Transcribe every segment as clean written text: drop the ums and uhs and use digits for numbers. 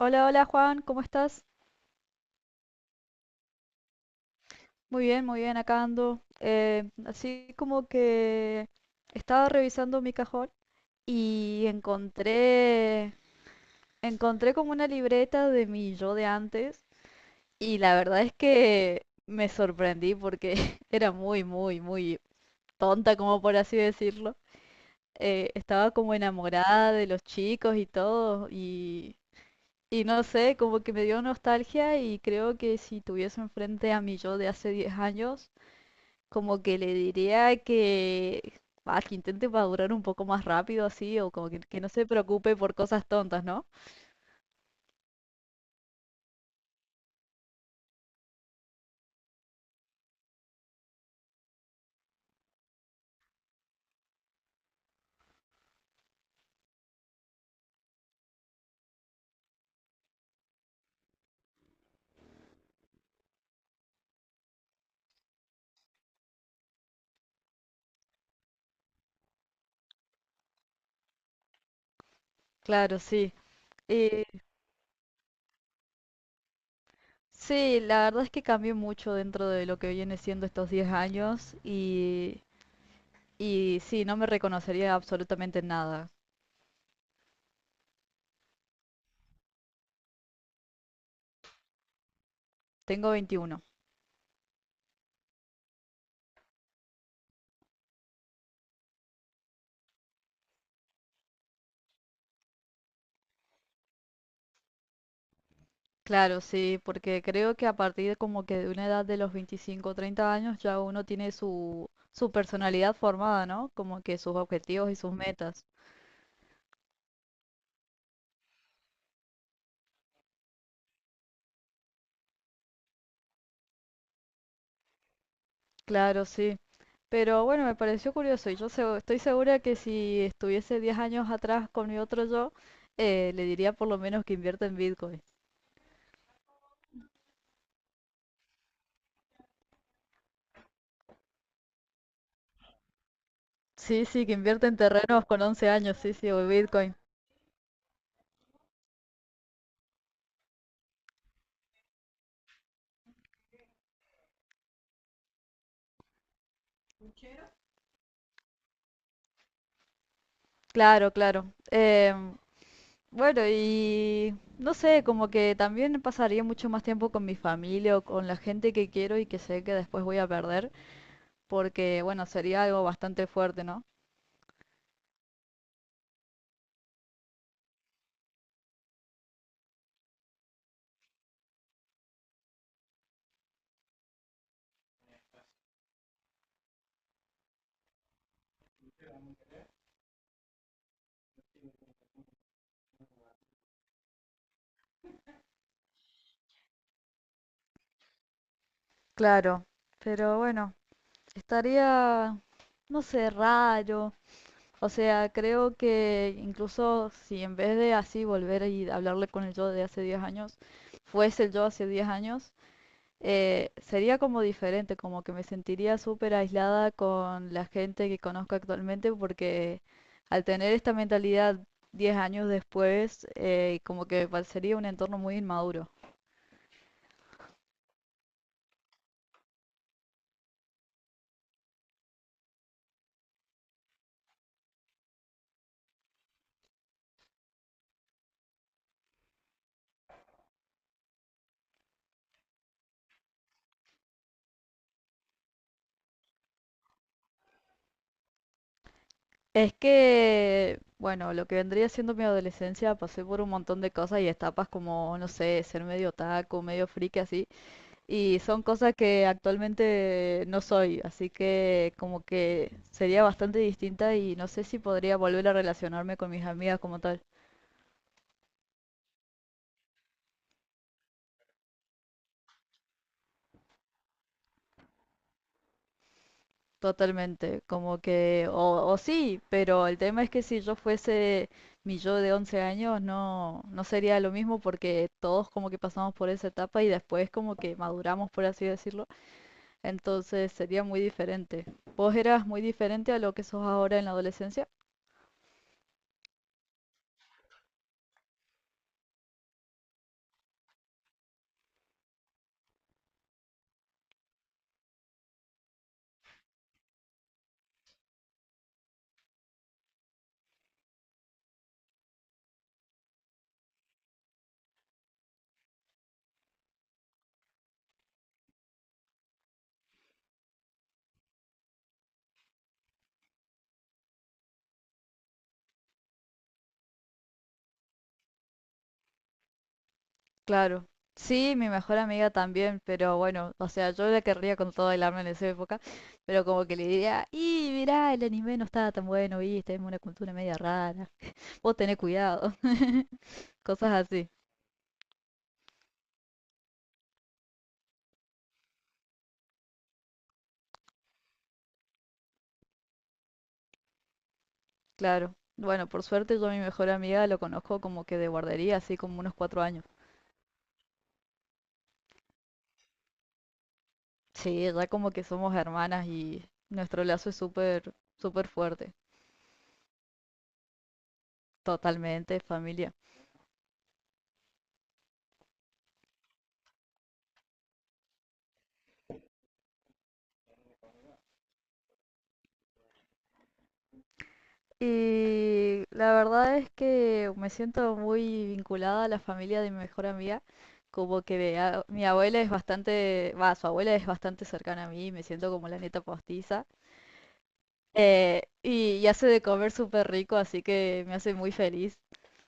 Hola, hola Juan, ¿cómo estás? Muy bien, acá ando. Así como que estaba revisando mi cajón y encontré, encontré como una libreta de mi yo de antes, y la verdad es que me sorprendí porque era muy, muy, muy tonta, como por así decirlo. Estaba como enamorada de los chicos y todo y no sé, como que me dio nostalgia, y creo que si tuviese enfrente a mi yo de hace 10 años, como que le diría que, ah, que intente madurar un poco más rápido así, o como que no se preocupe por cosas tontas, ¿no? Claro, sí. Eh, sí, la verdad es que cambié mucho dentro de lo que viene siendo estos 10 años y sí, no me reconocería absolutamente en nada. Tengo 21. Claro, sí, porque creo que a partir como que de una edad de los 25 o 30 años ya uno tiene su personalidad formada, ¿no? Como que sus objetivos y sus metas. Claro, sí. Pero bueno, me pareció curioso, y yo estoy segura que si estuviese 10 años atrás con mi otro yo, le diría por lo menos que invierta en Bitcoin. Sí, sí, que invierte en terrenos con 11 años, sí, sí, o Bitcoin. Claro, claro. Bueno, y no sé, como que también pasaría mucho más tiempo con mi familia o con la gente que quiero y que sé que después voy a perder, porque bueno, sería algo bastante fuerte, ¿no? Claro, pero bueno, estaría, no sé, raro. O sea, creo que incluso si en vez de así volver y hablarle con el yo de hace 10 años, fuese el yo hace 10 años, sería como diferente, como que me sentiría súper aislada con la gente que conozco actualmente, porque al tener esta mentalidad 10 años después, como que me parecería un entorno muy inmaduro. Es que, bueno, lo que vendría siendo mi adolescencia, pasé por un montón de cosas y etapas como, no sé, ser medio taco, medio friki así. Y son cosas que actualmente no soy, así que como que sería bastante distinta y no sé si podría volver a relacionarme con mis amigas como tal. Totalmente, como que, o sí, pero el tema es que si yo fuese mi yo de 11 años, no sería lo mismo, porque todos como que pasamos por esa etapa y después como que maduramos, por así decirlo, entonces sería muy diferente. ¿Vos eras muy diferente a lo que sos ahora en la adolescencia? Claro. Sí, mi mejor amiga también, pero bueno, o sea, yo la querría con todo el alma en esa época, pero como que le diría, y mirá, el anime no estaba tan bueno, viste, es una cultura media rara, vos tenés cuidado, cosas así, claro. Bueno, por suerte yo a mi mejor amiga lo conozco como que de guardería, así como unos 4 años. Sí, ya como que somos hermanas y nuestro lazo es súper, súper fuerte, totalmente familia. Y la verdad es que me siento muy vinculada a la familia de mi mejor amiga, como que mi abuela es bastante, va, su abuela es bastante cercana a mí, me siento como la neta postiza. Y hace de comer súper rico, así que me hace muy feliz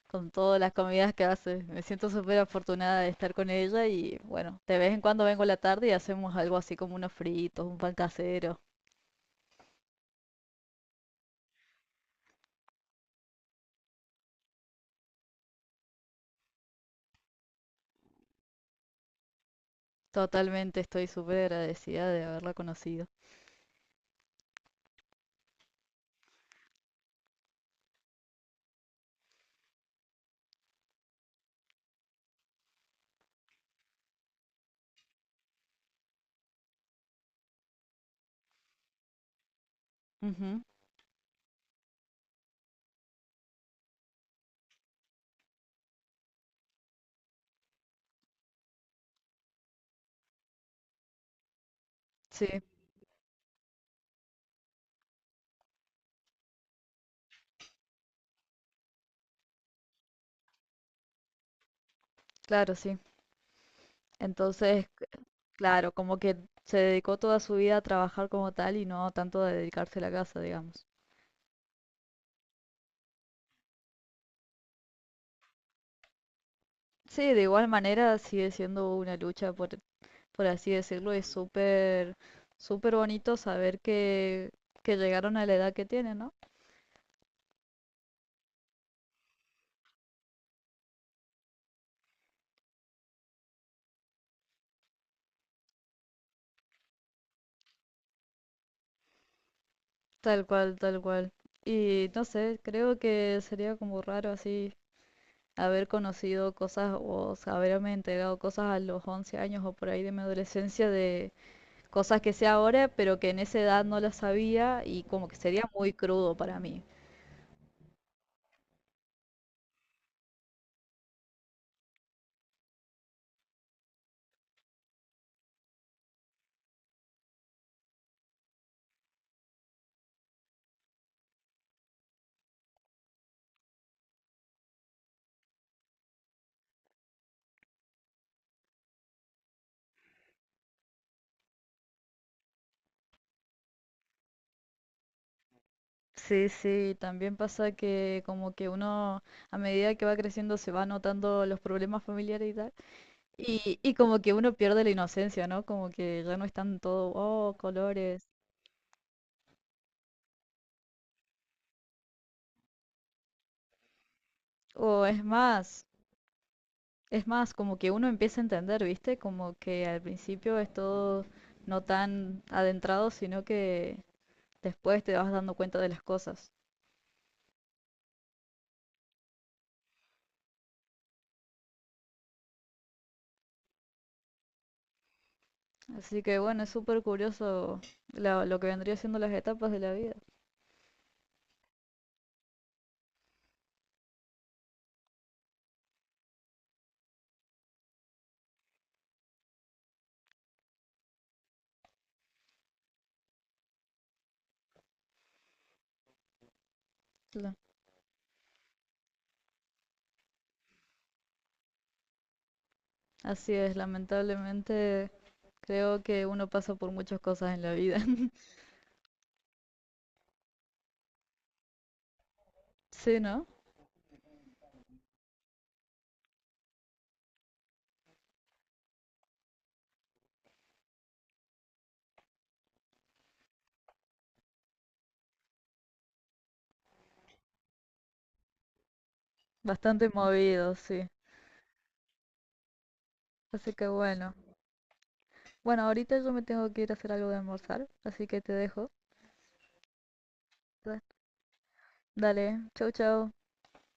con todas las comidas que hace. Me siento súper afortunada de estar con ella, y bueno, de vez en cuando vengo a la tarde y hacemos algo así como unos fritos, un pan casero. Totalmente estoy súper agradecida de haberla conocido. Ujú. Sí. Claro, sí. Entonces, claro, como que se dedicó toda su vida a trabajar como tal y no tanto a dedicarse a la casa, digamos. Sí, de igual manera sigue siendo una lucha, por así decirlo, es súper, súper bonito saber que llegaron a la edad que tienen, ¿no? Tal cual, tal cual. Y no sé, creo que sería como raro así haber conocido cosas o haberme entregado cosas a los 11 años o por ahí de mi adolescencia, de cosas que sé ahora, pero que en esa edad no las sabía, y como que sería muy crudo para mí. Sí, sí, también pasa que como que uno, a medida que va creciendo, se va notando los problemas familiares y tal, y como que uno pierde la inocencia, ¿no? Como que ya no están todo, oh, colores, o es más, como que uno empieza a entender, ¿viste? Como que al principio es todo no tan adentrado, sino que después te vas dando cuenta de las cosas. Así que bueno, es súper curioso lo que vendría siendo las etapas de la vida. Claro. Así es, lamentablemente creo que uno pasa por muchas cosas en la vida. Sí, ¿no? Bastante movido, sí. Así que bueno. Bueno, ahorita yo me tengo que ir a hacer algo de almorzar, así que te dejo. Da- Dale, chau, chau.